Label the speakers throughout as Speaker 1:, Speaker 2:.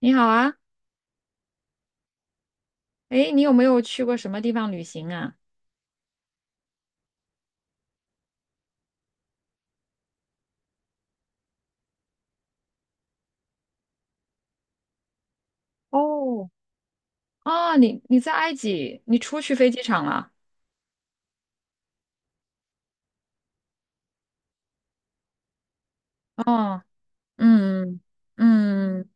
Speaker 1: 你好啊。诶，你有没有去过什么地方旅行啊？哦。啊，你在埃及，你出去飞机场了？哦。嗯嗯。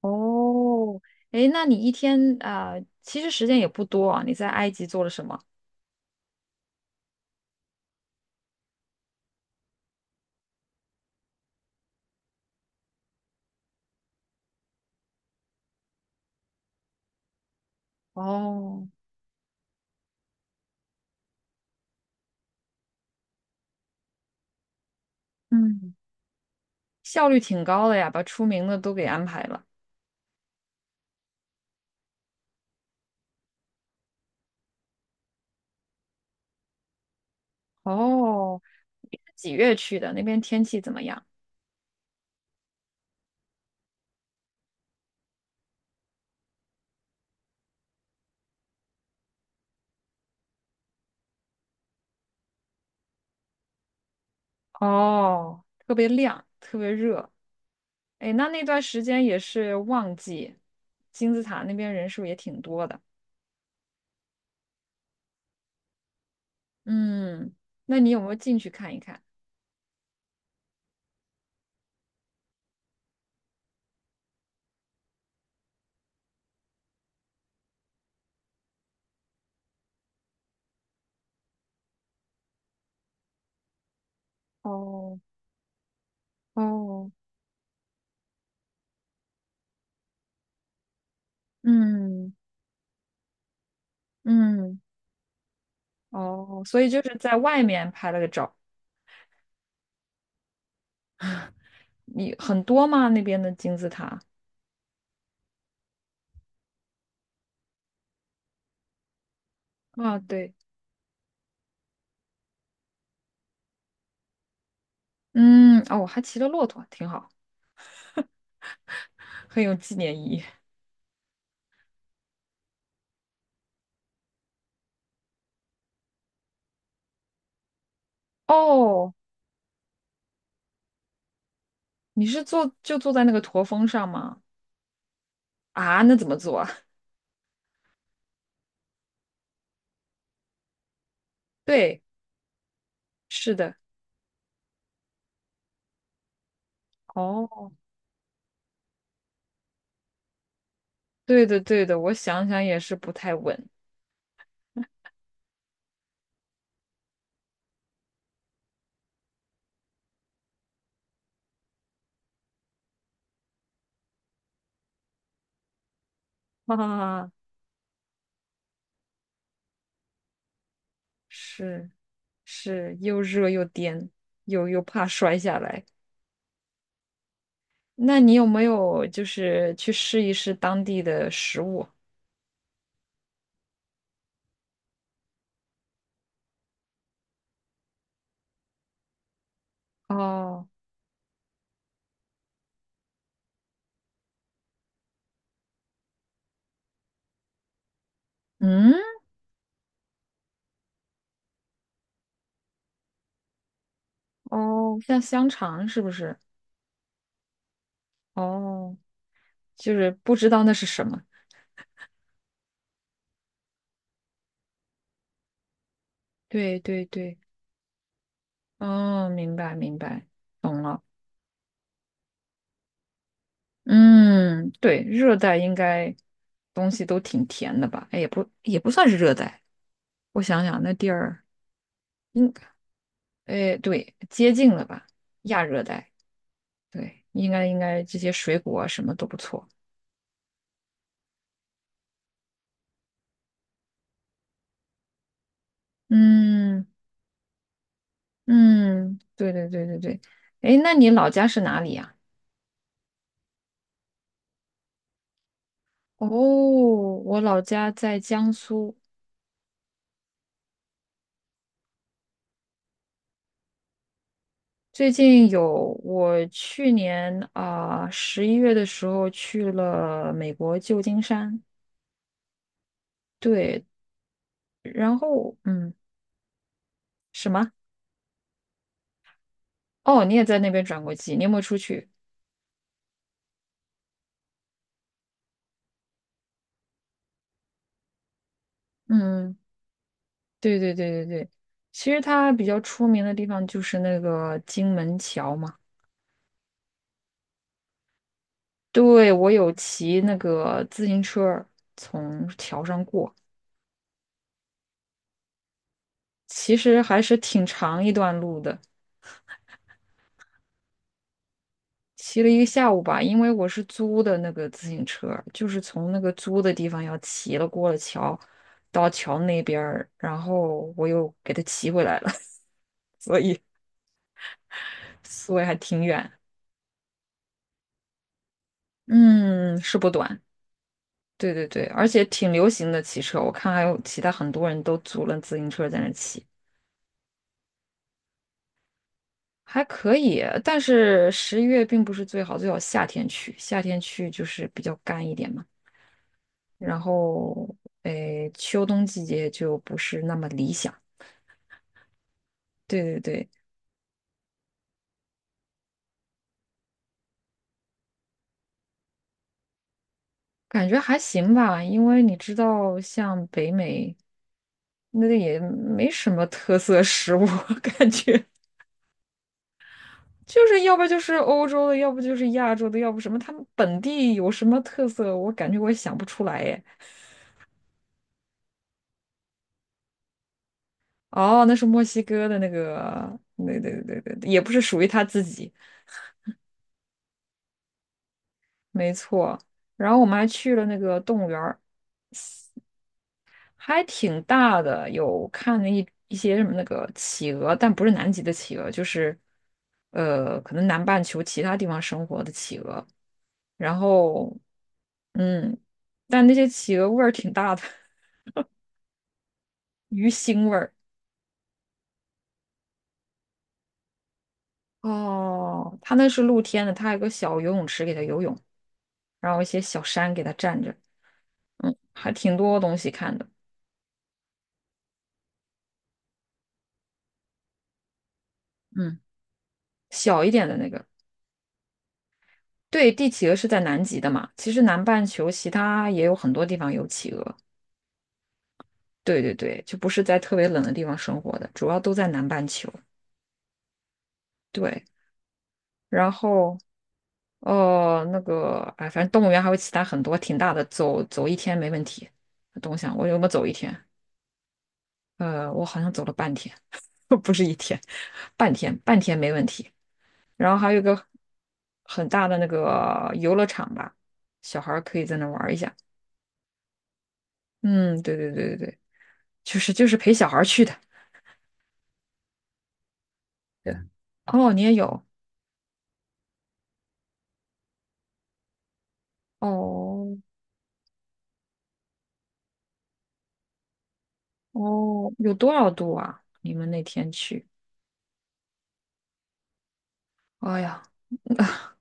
Speaker 1: 哦。诶，那你一天啊，其实时间也不多啊，你在埃及做了什么？哦。嗯。效率挺高的呀，把出名的都给安排了。哦，你是几月去的？那边天气怎么样？哦，特别亮，特别热。哎，那段时间也是旺季，金字塔那边人数也挺多的。嗯，那你有没有进去看一看？哦哦嗯嗯。哦，所以就是在外面拍了个照。你很多吗？那边的金字塔？啊，对。嗯。哦，我还骑了骆驼，挺好，很有纪念意义。哦，你是坐就坐在那个驼峰上吗？啊，那怎么坐啊？对，是的。哦，对的对的，我想想也是不太稳。啊，是是，又热又颠，又怕摔下来。那你有没有就是去试一试当地的食物？哦。嗯。哦，像香肠是不是？哦，就是不知道那是什么。对对对。哦，明白明白，懂了。嗯，对，热带应该东西都挺甜的吧？哎，也不算是热带，我想想，那地儿应哎，对，接近了吧，亚热带，对，应该这些水果啊什么都不错。嗯嗯。对对对对对。哎，那你老家是哪里呀？哦，我老家在江苏。最近有，我去年啊十一月的时候去了美国旧金山。对。然后，什么？哦，你也在那边转过机，你有没有出去？嗯。对对对对对，其实它比较出名的地方就是那个金门桥嘛。对，我有骑那个自行车儿从桥上过，其实还是挺长一段路的，骑了一个下午吧。因为我是租的那个自行车儿就是从那个租的地方要骑了过了桥，到桥那边儿，然后我又给它骑回来了，所以所以还挺远。嗯，是不短。对对对，而且挺流行的骑车，我看还有其他很多人都租了自行车在那骑，还可以。但是十一月并不是最好，最好夏天去，夏天去就是比较干一点嘛。然后，诶，秋冬季节就不是那么理想。对对对。感觉还行吧，因为你知道，像北美，那个也没什么特色食物，感觉。就是要不就是欧洲的，要不就是亚洲的，要不什么，他们本地有什么特色，我感觉我也想不出来耶。哦，那是墨西哥的那个，对对对对，也不是属于他自己，没错。然后我们还去了那个动物园儿，还挺大的，有看了一些什么那个企鹅，但不是南极的企鹅，就是可能南半球其他地方生活的企鹅。然后，嗯，但那些企鹅味儿挺大的，鱼腥味儿。哦，它那是露天的，它还有个小游泳池给它游泳，然后一些小山给它站着，嗯，还挺多东西看的。嗯，小一点的那个。对，帝企鹅是在南极的嘛，其实南半球其他也有很多地方有企鹅。对对对，就不是在特别冷的地方生活的，主要都在南半球。对，然后那个哎，反正动物园还有其他很多挺大的，走走一天没问题。我东想我有没有走一天？我好像走了半天。不是一天，半天，半天没问题。然后还有一个很大的那个游乐场吧，小孩儿可以在那玩儿一下。嗯，对对对对对，就是陪小孩儿去的。对。哦，你也有。哦哦，有多少度啊？你们那天去？哎呀。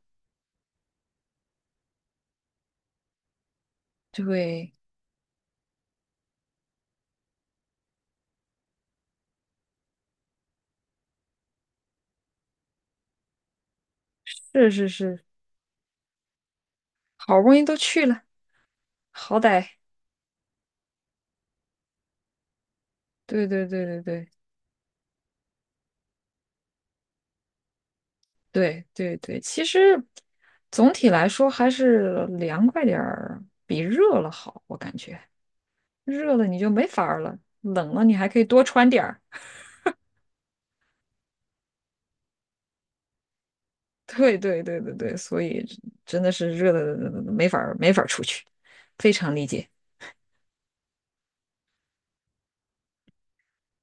Speaker 1: 对，是是是，好不容易都去了，好歹，对对对对对。对对对，其实总体来说还是凉快点儿比热了好，我感觉热了你就没法儿了，冷了你还可以多穿点儿。对对对对对，所以真的是热的没法儿没法儿出去，非常理解。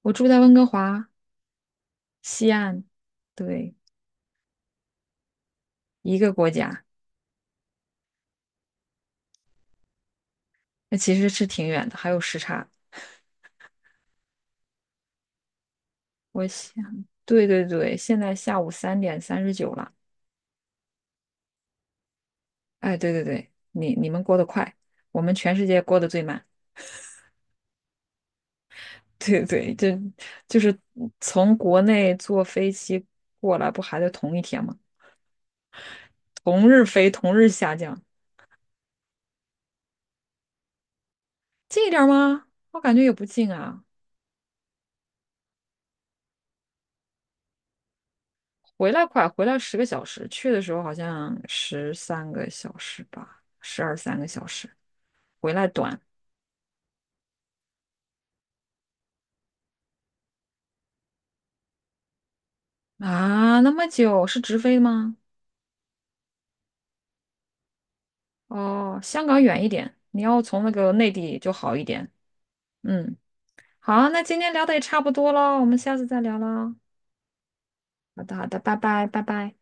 Speaker 1: 我住在温哥华西岸。对，一个国家。那其实是挺远的，还有时差。我想，对对对，现在下午3:39了。哎，对对对，你们过得快，我们全世界过得最慢。对对，就是从国内坐飞机过来，不还得同一天吗？同日飞，同日下降，近一点儿吗？我感觉也不近啊。回来快，回来10个小时，去的时候好像13个小时吧，12、13个小时，回来短啊，那么久是直飞吗？哦，香港远一点，你要从那个内地就好一点。嗯，好，那今天聊的也差不多了，我们下次再聊啦。好的，好的，拜拜，拜拜。